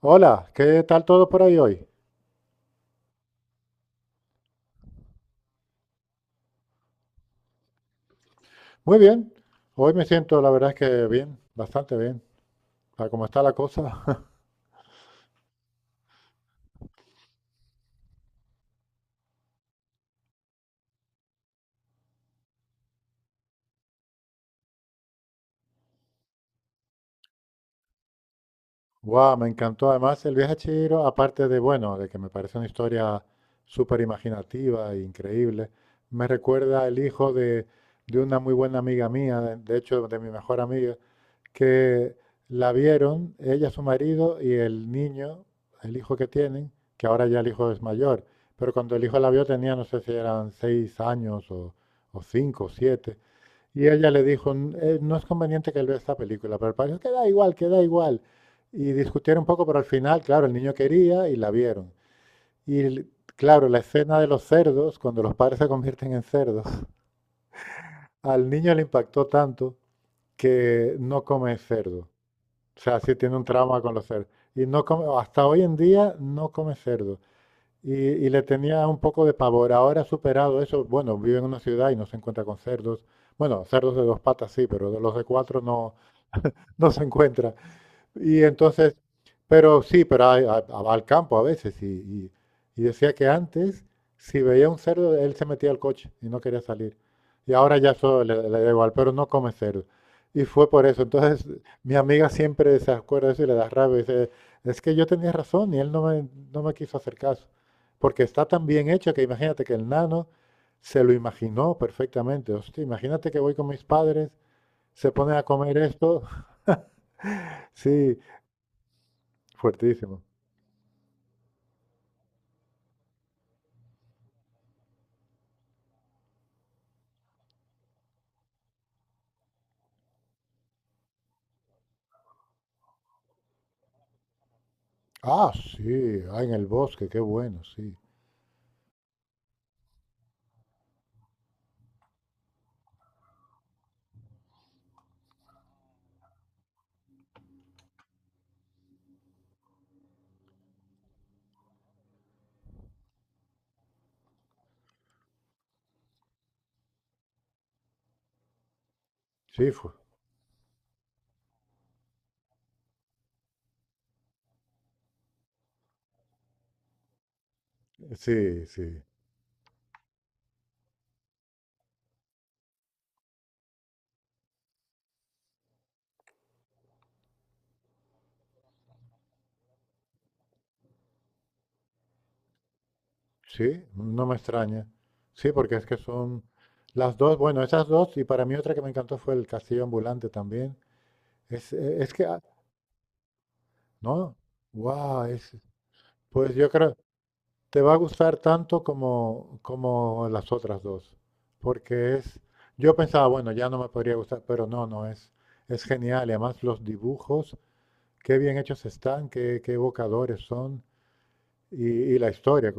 Hola, ¿qué tal todo por ahí hoy? Muy bien, hoy me siento la verdad es que bien, bastante bien, para cómo está la cosa. Guau, me encantó además el viaje a Chihiro, aparte de, bueno, de que me parece una historia súper imaginativa e increíble, me recuerda el hijo de una muy buena amiga mía, de hecho de mi mejor amiga, que la vieron, ella, su marido y el niño, el hijo que tienen, que ahora ya el hijo es mayor, pero cuando el hijo la vio tenía, no sé si eran seis años o cinco o siete, y ella le dijo, no es conveniente que él vea esta película, pero el padre dijo, que da igual, que da igual. Y discutieron un poco, pero al final, claro, el niño quería y la vieron. Y claro, la escena de los cerdos, cuando los padres se convierten en cerdos, al niño le impactó tanto que no come cerdo. O sea, sí tiene un trauma con los cerdos. Y no come- hasta hoy en día no come cerdo. Y le tenía un poco de pavor. Ahora ha superado eso. Bueno, vive en una ciudad y no se encuentra con cerdos. Bueno, cerdos de dos patas sí, pero de los de cuatro no, no se encuentra. Y entonces, pero sí, pero va al campo a veces. Y decía que antes, si veía un cerdo, él se metía al coche y no quería salir. Y ahora ya eso le, le da igual, pero no come cerdo. Y fue por eso. Entonces, mi amiga siempre se acuerda de eso y le da rabia. Dice, es que yo tenía razón y él no me, no me quiso hacer caso. Porque está tan bien hecho que imagínate que el nano se lo imaginó perfectamente. Hostia, imagínate que voy con mis padres, se ponen a comer esto. Sí, fuertísimo. Ah, sí, ah, en el bosque, qué bueno, sí. Sí, fue. Sí, sí. Sí, no me extraña. Sí, porque es que son las dos, bueno, esas dos, y para mí otra que me encantó fue el Castillo Ambulante también. Es que, ah, no, wow, es, pues yo creo, te va a gustar tanto como, como las otras dos, porque es, yo pensaba, bueno, ya no me podría gustar, pero no, no, es genial, y además los dibujos, qué bien hechos están, qué, qué evocadores son. y, y la historia.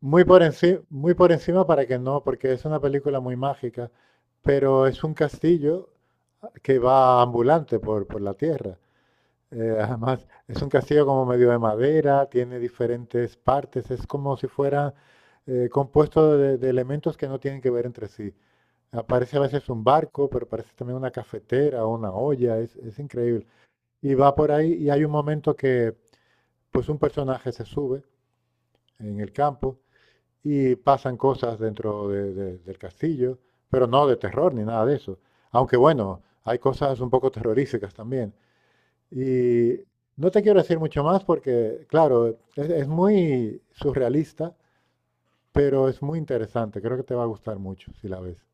Muy por, muy por encima para que no, porque es una película muy mágica, pero es un castillo que va ambulante por la tierra. Además, es un castillo como medio de madera, tiene diferentes partes, es como si fuera compuesto de elementos que no tienen que ver entre sí. Aparece a veces un barco, pero aparece también una cafetera o una olla, es increíble. Y va por ahí y hay un momento que pues un personaje se sube en el campo y pasan cosas del castillo, pero no de terror ni nada de eso. Aunque bueno, hay cosas un poco terroríficas también. Y no te quiero decir mucho más porque, claro, es muy surrealista, pero es muy interesante. Creo que te va a gustar mucho si la ves.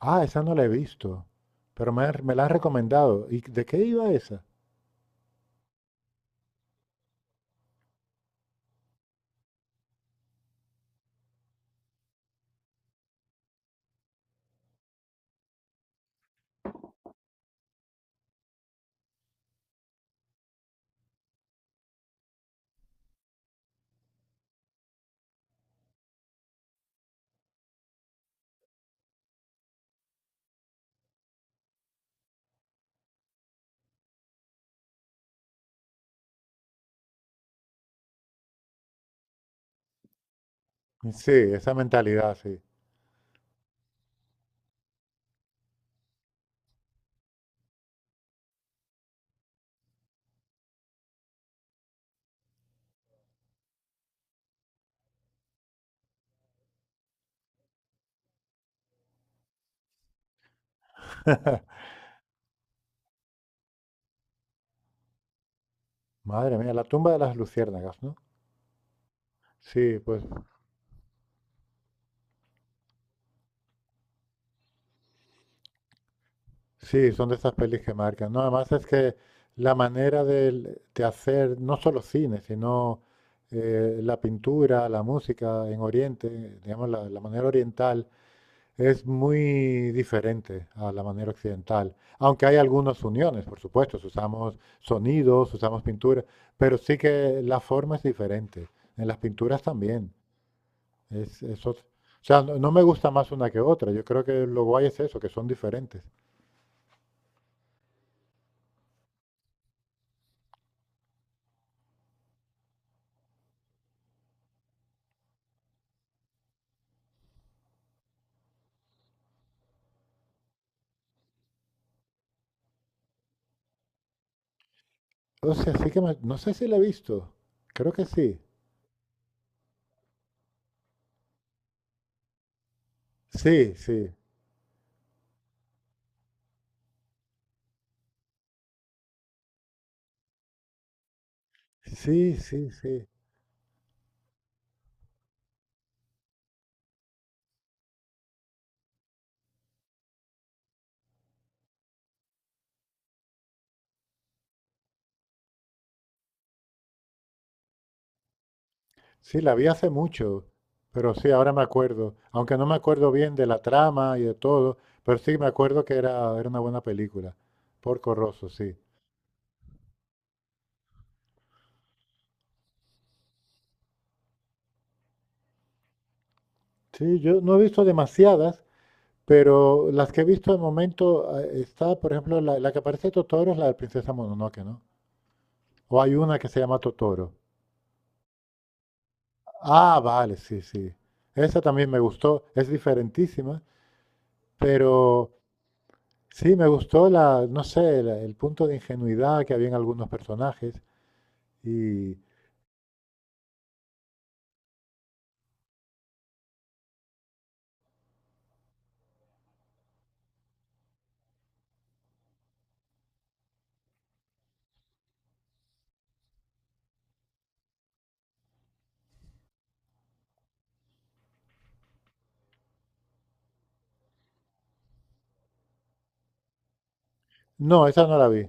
Ah, esa no la he visto, pero me la han recomendado. ¿Y de qué iba esa? Sí, esa mentalidad, sí. Madre mía, la tumba de las luciérnagas, ¿no? Sí, pues sí, son de esas pelis que marcan. No, además es que la de, hacer no solo cine, sino la pintura, la música en Oriente, digamos, la manera oriental es muy diferente a la manera occidental. Aunque hay algunas uniones, por supuesto, si usamos sonidos, si usamos pintura, pero sí que la forma es diferente. En las pinturas también. O sea, no, no me gusta más una que otra. Yo creo que lo guay es eso, que son diferentes. O sea, no sé si la he visto. Creo que sí. Sí, sí. Sí, sí, sí. Sí, la vi hace mucho, pero sí, ahora me acuerdo. Aunque no me acuerdo bien de la trama y de todo, pero sí me acuerdo que era, era una buena película. Porco Rosso, sí. Sí, yo no he visto demasiadas, pero las que he visto de momento está, por ejemplo, la que aparece Totoro es la de Princesa Mononoke, ¿no? O hay una que se llama Totoro. Ah, vale, sí, sí. Esa también me gustó, es diferentísima. Pero sí, me gustó la, no sé, el punto de ingenuidad que había en algunos personajes. Y no, esa no la vi.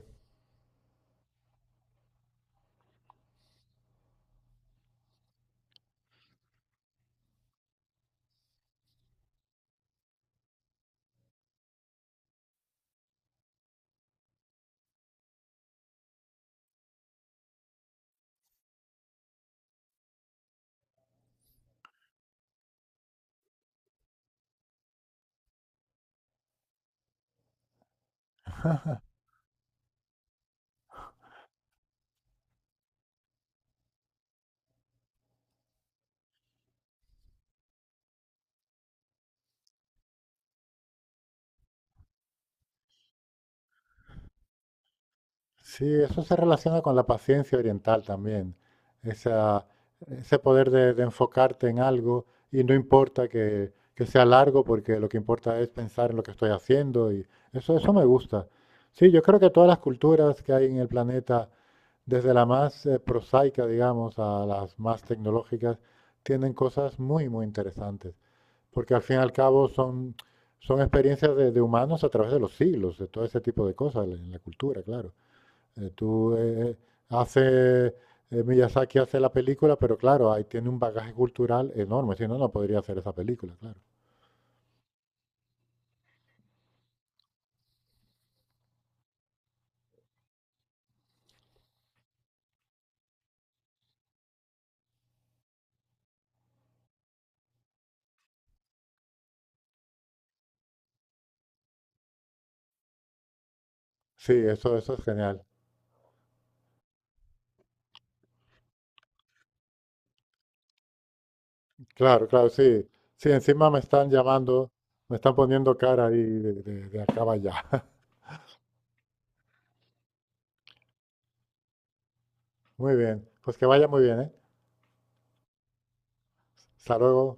Sí, eso se relaciona con la paciencia oriental también. Esa, ese poder de enfocarte en algo y no importa que sea largo porque lo que importa es pensar en lo que estoy haciendo y eso me gusta. Sí, yo creo que todas las culturas que hay en el planeta desde la más prosaica, digamos, a las más tecnológicas, tienen cosas muy, muy interesantes, porque al fin y al cabo son, son experiencias de humanos a través de los siglos, de todo ese tipo de cosas en la cultura, claro. Eh, tú eh, eh, hace, Miyazaki hace la película, pero claro, ahí tiene un bagaje cultural enorme, si no, no podría hacer esa película, claro. Sí, eso es genial. Claro, claro, sí. Sí, encima me están llamando, me están poniendo cara ahí de acá para allá. Muy bien, pues que vaya muy bien, ¿eh? Hasta luego.